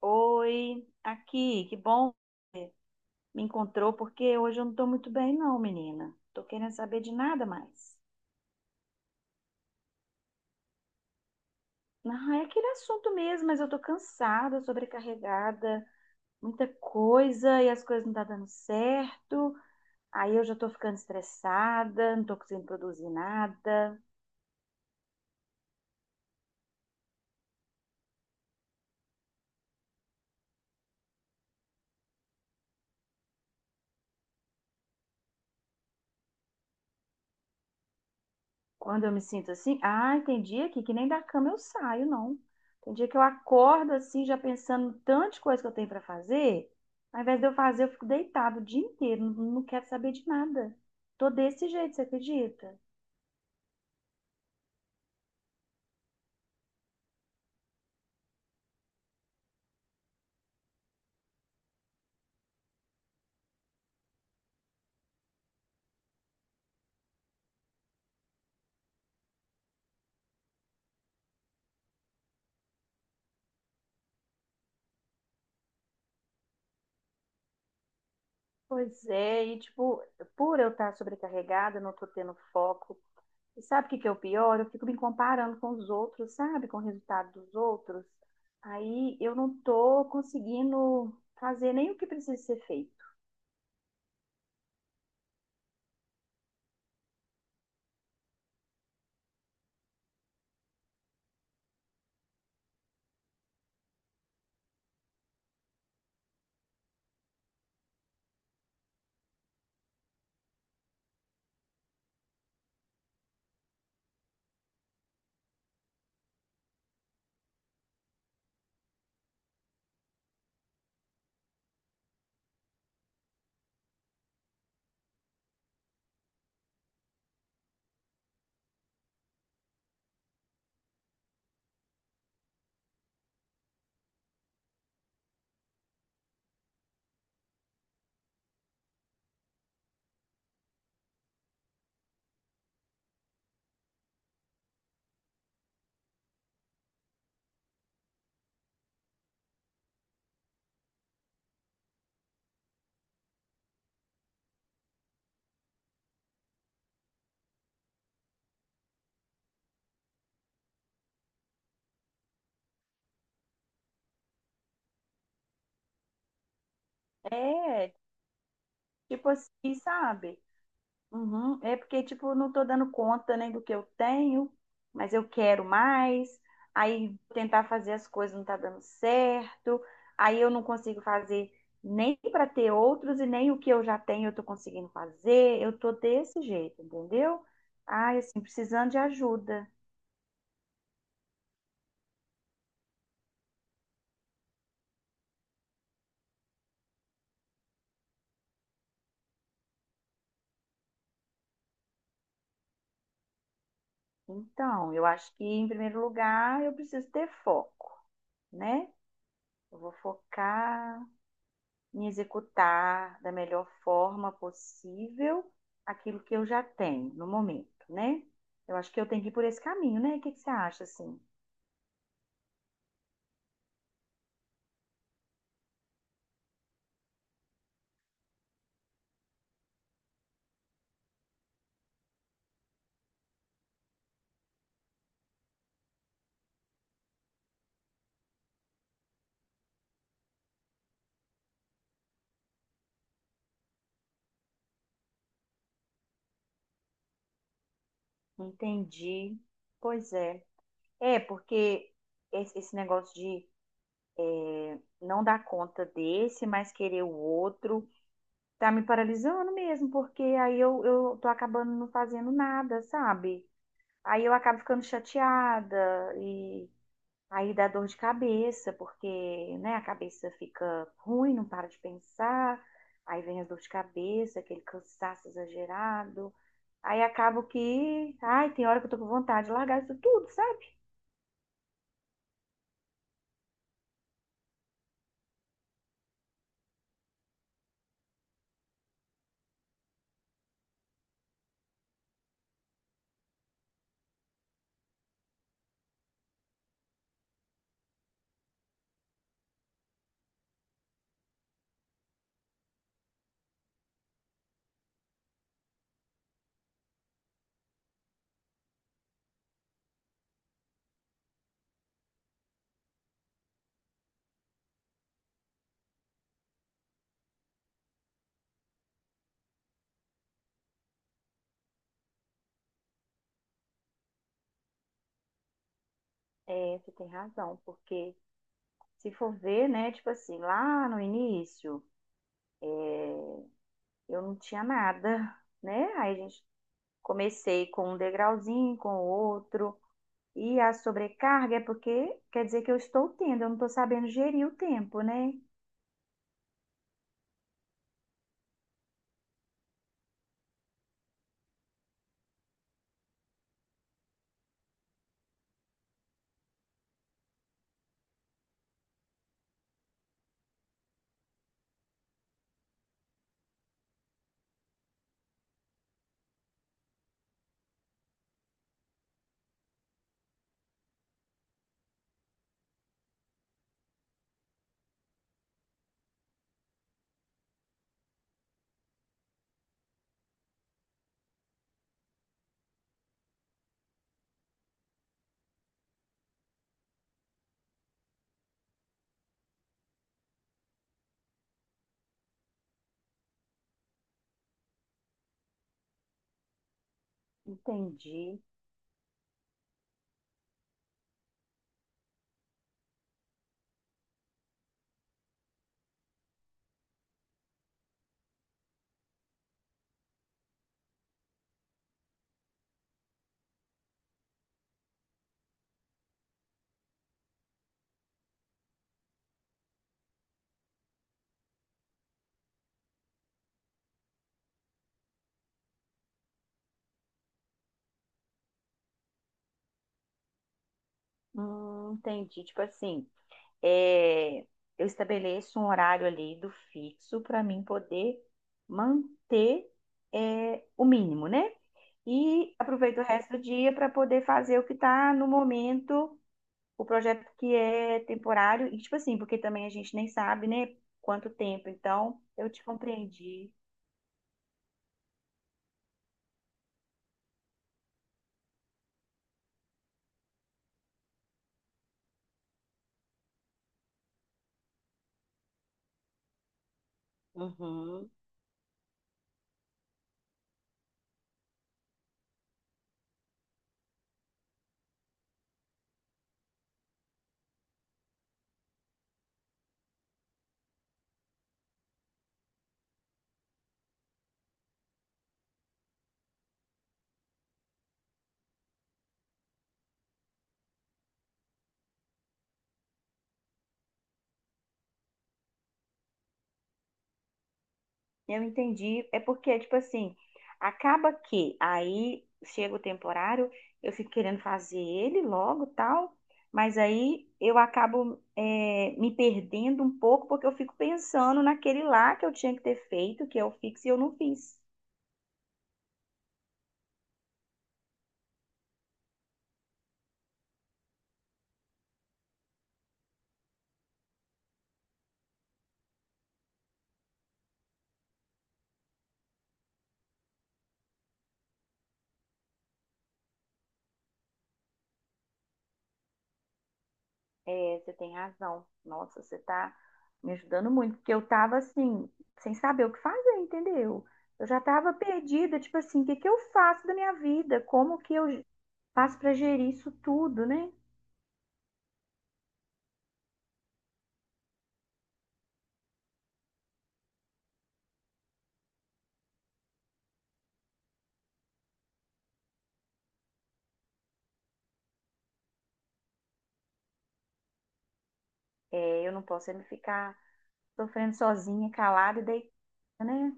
Oi, aqui, que bom me encontrou, porque hoje eu não tô muito bem, não, menina. Tô querendo saber de nada mais. Ah, é aquele assunto mesmo, mas eu tô cansada, sobrecarregada, muita coisa e as coisas não tá dando certo. Aí eu já tô ficando estressada, não tô conseguindo produzir nada. Quando eu me sinto assim, ai, tem dia que nem da cama eu saio, não. Tem dia que eu acordo assim, já pensando em tanta coisa que eu tenho para fazer, ao invés de eu fazer, eu fico deitado o dia inteiro, não, não quero saber de nada. Tô desse jeito, você acredita? Pois é, e tipo, por eu estar sobrecarregada, não tô tendo foco. E sabe o que que é o pior? Eu fico me comparando com os outros, sabe? Com o resultado dos outros. Aí eu não tô conseguindo fazer nem o que precisa ser feito. É. Tipo assim, sabe? Uhum. É porque, tipo, eu não tô dando conta nem do que eu tenho, mas eu quero mais. Aí tentar fazer as coisas não tá dando certo. Aí eu não consigo fazer nem para ter outros e nem o que eu já tenho eu tô conseguindo fazer. Eu tô desse jeito, entendeu? Ai, assim, precisando de ajuda. Então, eu acho que em primeiro lugar eu preciso ter foco, né? Eu vou focar em executar da melhor forma possível aquilo que eu já tenho no momento, né? Eu acho que eu tenho que ir por esse caminho, né? O que que você acha, assim? Entendi. Pois é. É, porque esse negócio de não dar conta desse, mas querer o outro, tá me paralisando mesmo, porque aí eu tô acabando não fazendo nada, sabe? Aí eu acabo ficando chateada e aí dá dor de cabeça, porque, né, a cabeça fica ruim, não para de pensar. Aí vem as dor de cabeça, aquele cansaço exagerado. Aí acabo que, ai, tem hora que eu tô com vontade de largar isso tudo, sabe? É, você tem razão, porque se for ver, né, tipo assim, lá no início, eu não tinha nada, né? Aí a gente comecei com um degrauzinho, com outro. E a sobrecarga é porque quer dizer que eu estou tendo, eu não estou sabendo gerir o tempo, né? Entendi. Entendi. Tipo assim, é, eu estabeleço um horário ali do fixo para mim poder manter o mínimo, né? E aproveito o resto do dia para poder fazer o que está no momento, o projeto que é temporário. E tipo assim, porque também a gente nem sabe, né, quanto tempo. Então, eu te compreendi. Uhum. Eu entendi. É porque, tipo assim, acaba que aí chega o temporário, eu fico querendo fazer ele logo, tal, mas aí eu acabo me perdendo um pouco porque eu fico pensando naquele lá que eu tinha que ter feito, que eu fiz e eu não fiz. É, você tem razão. Nossa, você tá me ajudando muito, porque eu tava assim, sem saber o que fazer, entendeu? Eu já tava perdida, tipo assim, o que que eu faço da minha vida? Como que eu faço pra gerir isso tudo, né? É, eu não posso é ficar sofrendo sozinha, calada e deitada, né?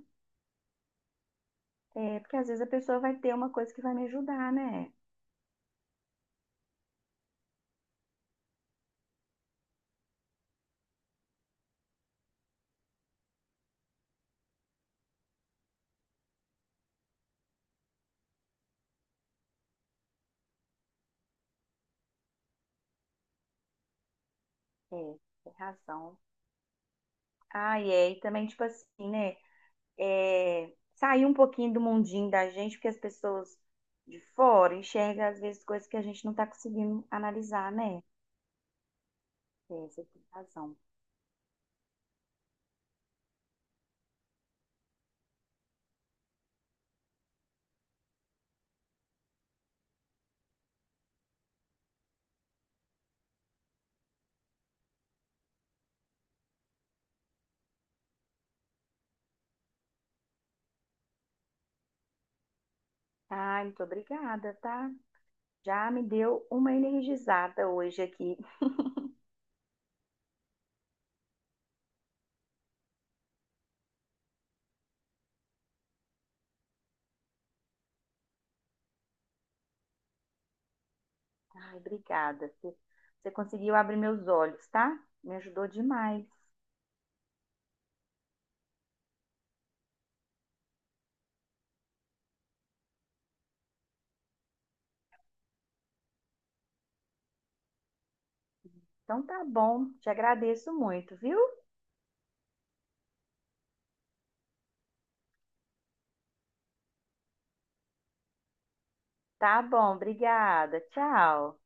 É, porque às vezes a pessoa vai ter uma coisa que vai me ajudar, né? É, tem razão. Ah, e é, e também, tipo assim, né? É, sair um pouquinho do mundinho da gente, porque as pessoas de fora enxergam, às vezes, coisas que a gente não tá conseguindo analisar, né? É, você tem razão. Ai, muito obrigada, tá? Já me deu uma energizada hoje aqui. Ai, obrigada. Você conseguiu abrir meus olhos, tá? Me ajudou demais. Então tá bom, te agradeço muito, viu? Tá bom, obrigada. Tchau.